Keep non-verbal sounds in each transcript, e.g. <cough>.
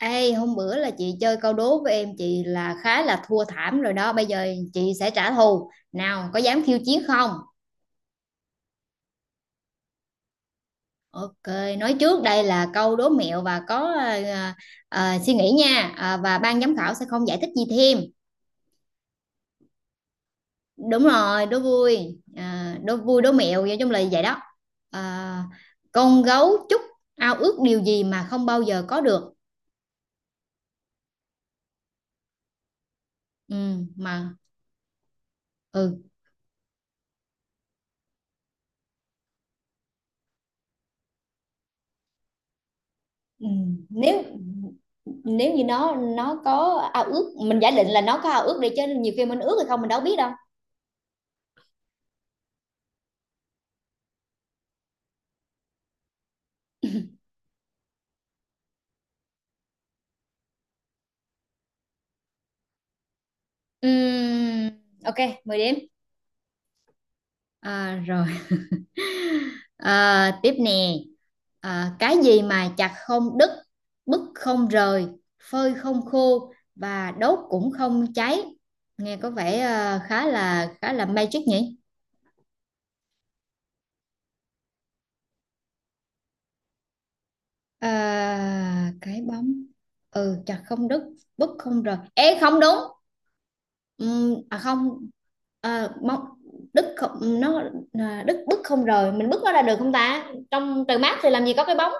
Ê, hôm bữa là chị chơi câu đố với em chị là khá là thua thảm rồi đó. Bây giờ chị sẽ trả thù. Nào, có dám khiêu chiến không? Ok, nói trước đây là câu đố mẹo và có suy nghĩ nha. Và ban giám khảo sẽ không giải thích gì thêm. Đúng rồi, đố vui. Đố vui, đố mẹo, nói chung là vậy đó. À, con gấu trúc ao ước điều gì mà không bao giờ có được. Ừ, mà ừ. Ừ. Nếu nếu như nó có ao ước, mình giả định là nó có ao ước đi, chứ nhiều khi mình ước hay không mình đâu biết đâu. Ừm, ok, 10 điểm. Rồi. Tiếp nè. Cái gì mà chặt không đứt, bứt không rời, phơi không khô và đốt cũng không cháy? Nghe có vẻ khá là magic nhỉ. Cái bóng? Ừ, chặt không đứt, bứt không rời, ê không đúng. Không. Mong Đức không, nó Đức, bứt không rời, mình bứt nó ra được không ta, trong trời mát thì làm gì có cái bóng.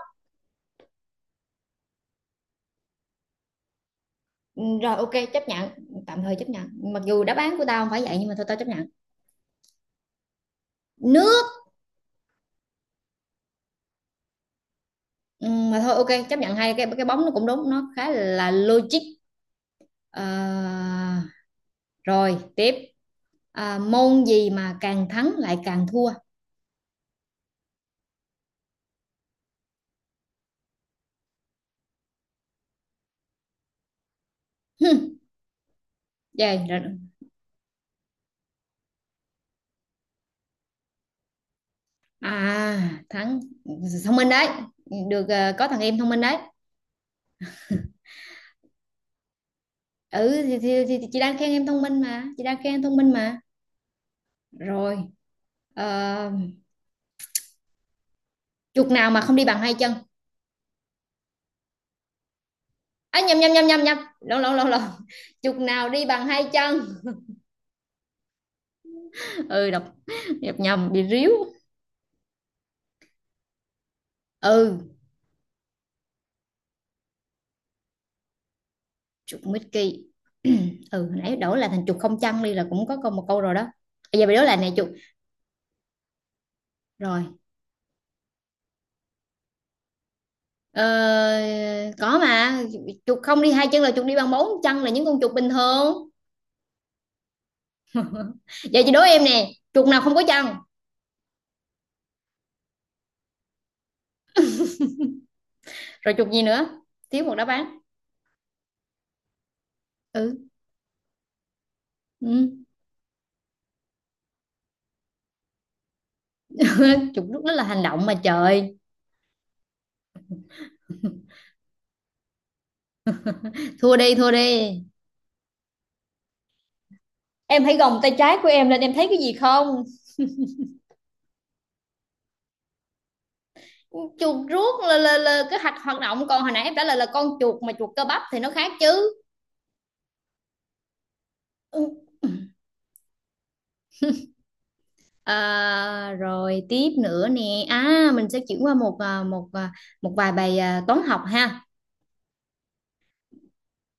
Rồi, ok, chấp nhận. Tạm thời chấp nhận mặc dù đáp án của tao không phải vậy nhưng mà thôi tao chấp nhận. Nước. Mà thôi ok chấp nhận, hai cái bóng nó cũng đúng, nó khá là logic. à, Rồi tiếp. Môn gì mà càng thắng lại càng thua? Hừm, vậy rồi. À thắng, thông minh đấy. Được, ờ, có thằng em thông minh đấy. Ừ thì chị đang khen em thông minh mà, chị đang khen em thông minh mà. Rồi. ờ, Chuột nào mà không đi bằng hai chân? Nhầm nhầm nhầm nhầm nhầm lộn lộn lộn lộn Chuột nào đi bằng hai chân? Ừ, đọc nhập nhầm bị ríu. Ừ. Chuột Mickey. <clears throat> Ừ, nãy đổi là thành chuột không chân đi là cũng có câu một câu rồi đó, bây giờ bị đổi lại nè, chuột. Rồi. ờ, có mà, chuột không đi hai chân là chuột đi bằng bốn chân, là những con chuột bình thường. <laughs> Giờ chị đố em nè, chuột nào không có chân? Rồi chuột gì nữa? Thiếu một đáp án. Ừ. Ừ. <laughs> Chụp lúc đó là hành động, mà trời. <laughs> Thua đi, thua đi. Em hãy gồng tay trái của em lên, em thấy cái gì không? Chuột rút là là cái hạch hoạt động, còn hồi nãy em trả lời là con chuột, mà chuột cơ bắp thì nó khác chứ. Ừ. Rồi tiếp nữa nè, mình sẽ chuyển qua một một một vài bài toán học ha.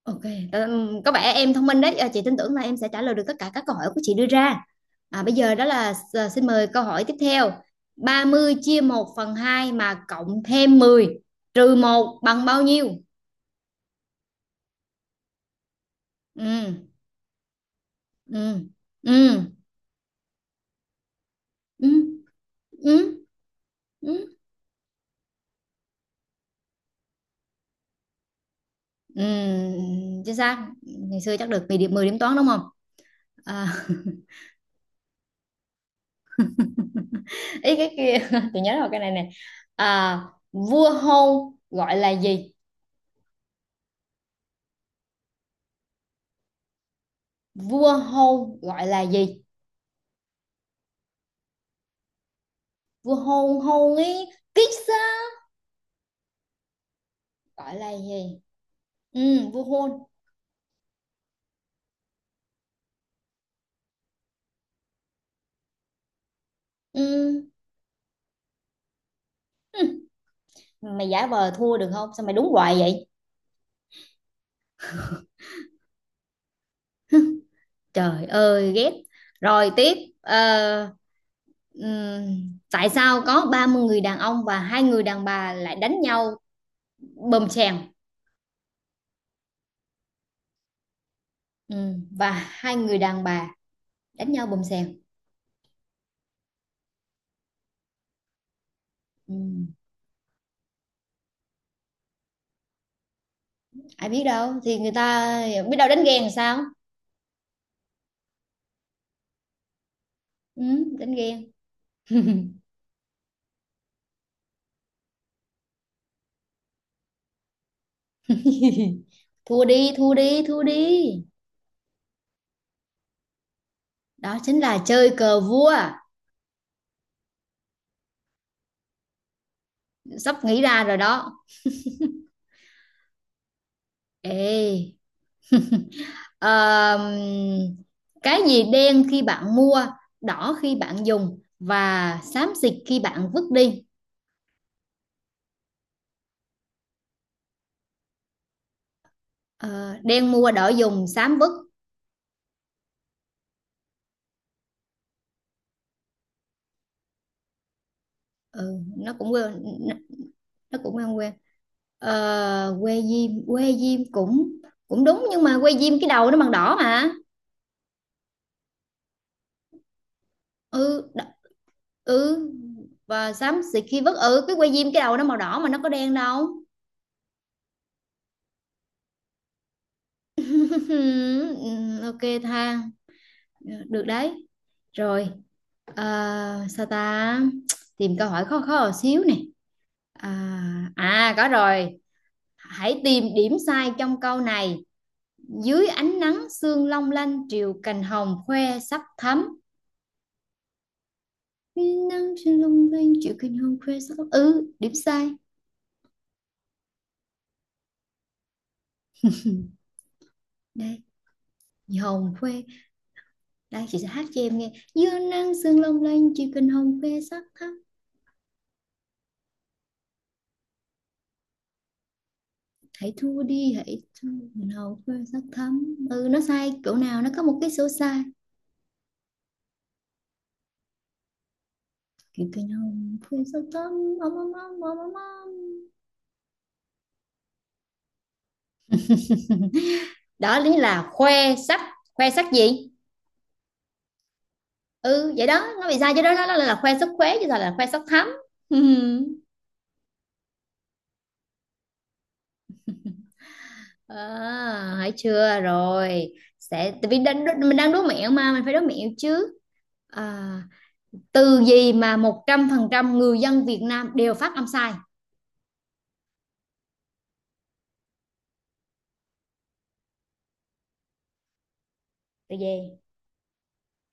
Ok. Có vẻ em thông minh đấy. Chị tin tưởng là em sẽ trả lời được tất cả các câu hỏi của chị đưa ra. Bây giờ đó là xin mời câu hỏi tiếp theo. 30 : 1/2 + 10 − 1 bằng bao nhiêu? Ừ, ừ, ừ, ừ, ừ, ừ. Ừ, chính xác. Ngày xưa chắc được 10 điểm, 10 điểm toán đúng không? À, <laughs> Ý cái kia, <laughs> tôi nhớ rồi cái này nè. À, Vua hôn gọi là gì? Vua hôn gọi là gì? Vua hôn, hôn ấy, kiss á, gọi là gì. Ừ, vua hôn. Ừ. Hừ, mày giả vờ thua được không, sao mày đúng hoài vậy. Trời ơi ghét. Rồi tiếp. Ờ, Tại sao có 30 người đàn ông và 2 người đàn bà lại đánh nhau bầm sèn? Và 2 người đàn bà đánh nhau bầm sèn. Ừm, Ai biết đâu thì người ta, biết đâu đánh ghen làm sao. Đánh ghen. <laughs> Thua đi, thua đi, thua đi. Đó chính là chơi cờ vua. Sắp nghĩ ra rồi đó. Ê. ờm, cái gì đen khi bạn mua, đỏ khi bạn dùng và xám xịt khi bạn vứt đi? Ờ, Đen mua, đỏ dùng, xám vứt. Ừ, nó cũng quên, nó cũng quen quen. Que diêm cũng cũng đúng, nhưng mà que diêm cái đầu nó bằng đỏ mà. ừ đ- ừ, và xám xịt khi vứt, ừ, cái que diêm cái đầu nó màu đỏ mà, nó có đen đâu. <laughs> Ok, tha, được đấy. Rồi. Sao ta, tìm câu hỏi khó khó một xíu nè. Có rồi. Hãy tìm điểm sai trong câu này: dưới ánh nắng sương long lanh triều cành hồng khoe sắc thắm. Dưới nắng sương long lanh triều cành hồng khoe sắc thắm, ừ, điểm sai. Đây, hồng khoe. Đây, chị sẽ hát cho em nghe: dưới nắng sương long lanh triều cành hồng khoe sắc thắm. Hãy thua đi, hãy thua. Nào, quên sắc thắm, ừ nó sai chỗ nào, nó có một cái số sai. Kiểu cái nào, quên sắc thắm. Đó lý là khoe sắc, khoe sắc gì? Ừ vậy đó, nó bị sai chứ đó, nó là, khoe sắc khuế chứ sao là khoe sắc thắm. <laughs> Hãy chưa rồi. Sẽ tại vì mình đang đố mẹo mà, mình phải đố mẹo chứ. à, Từ gì mà 100% người dân Việt Nam đều phát âm sai? Từ gì?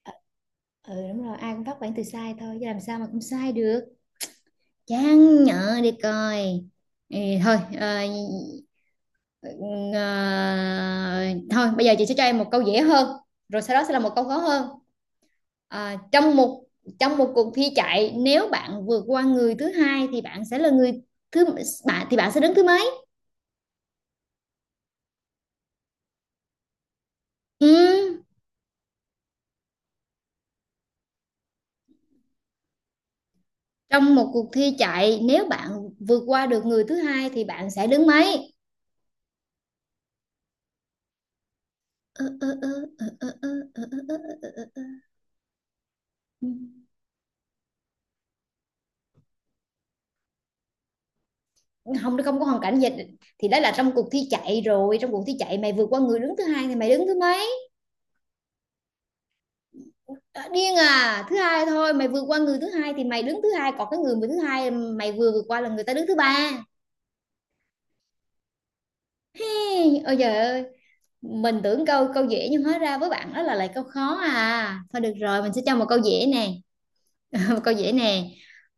Ờ, ừ đúng rồi, ai cũng phát bản từ sai thôi chứ làm sao mà không sai được. Chán nhở đi coi. Ừ, thôi. Ờ, ờ, Thôi bây giờ chị sẽ cho em một câu dễ hơn, rồi sau đó sẽ là một câu khó hơn. Ờ, trong một Trong một cuộc thi chạy, nếu bạn vượt qua người thứ hai thì bạn sẽ là người thứ bạn thì bạn sẽ đứng thứ mấy? Ừ. Trong một cuộc thi chạy nếu bạn vượt qua được người thứ hai thì bạn sẽ đứng mấy? Ờ, ờ, ờ, ờ, ờ, ờ, ờ, ờ, ờ, ờ, ờ. Không, nó không có hoàn cảnh dịch, thì đó là trong cuộc thi chạy rồi, trong cuộc thi chạy mày vượt qua người đứng thứ hai thì mày đứng thứ mấy. Ờ, Điên à, thứ hai thôi, mày vượt qua người thứ hai thì mày đứng thứ hai, còn cái người mà thứ hai mày vừa vượt qua là người ta đứng thứ ba. Ôi trời ơi, mình tưởng câu câu dễ nhưng hóa ra với bạn đó là lại câu khó, à thôi được rồi mình sẽ cho một câu dễ nè. <laughs> Một câu dễ nè.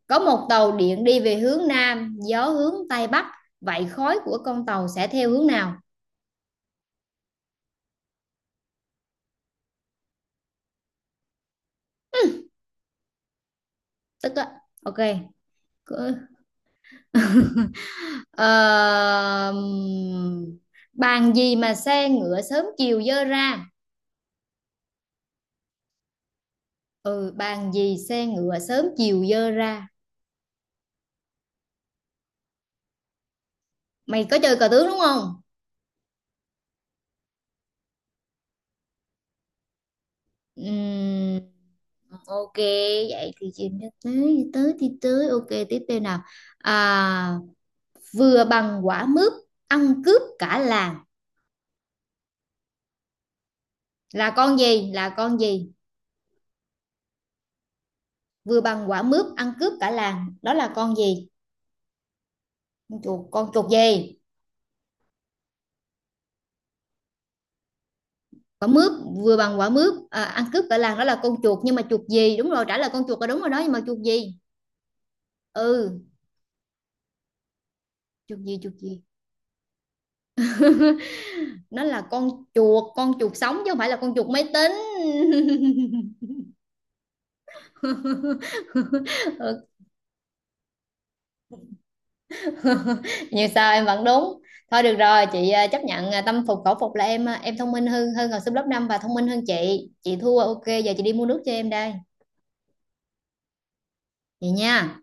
Có một tàu điện đi về hướng nam, gió hướng tây bắc, vậy khói của con tàu sẽ theo hướng nào? Tức á. Ok. Ờ, Bàn gì mà xe ngựa sớm chiều dơ ra? Ừ, bàn gì xe ngựa sớm chiều dơ ra. Mày có chơi cờ tướng đúng không? Ừm, ok, vậy thì chìm cho tới thì tới thì tới, ok tiếp theo nào. à, Vừa bằng quả mướp, ăn cướp cả làng, là con gì, là con gì? Vừa bằng quả mướp ăn cướp cả làng, đó là con gì? Con chuột, con chuột gì? Quả mướp, vừa bằng quả mướp ăn cướp cả làng, đó là con chuột nhưng mà chuột gì, đúng rồi trả lời con chuột là đúng rồi đó, nhưng mà chuột gì? Ừ. Chuột gì, chuột gì? <laughs> Nó là con chuột, con chuột sống chứ không phải là con chuột máy tính. <laughs> như sao em vẫn đúng, thôi được rồi chị chấp nhận, tâm phục khẩu phục là em em thông minh hơn, hơn học sinh lớp 5 và thông minh hơn chị thua. Ok giờ chị đi mua nước cho em đây, vậy nha.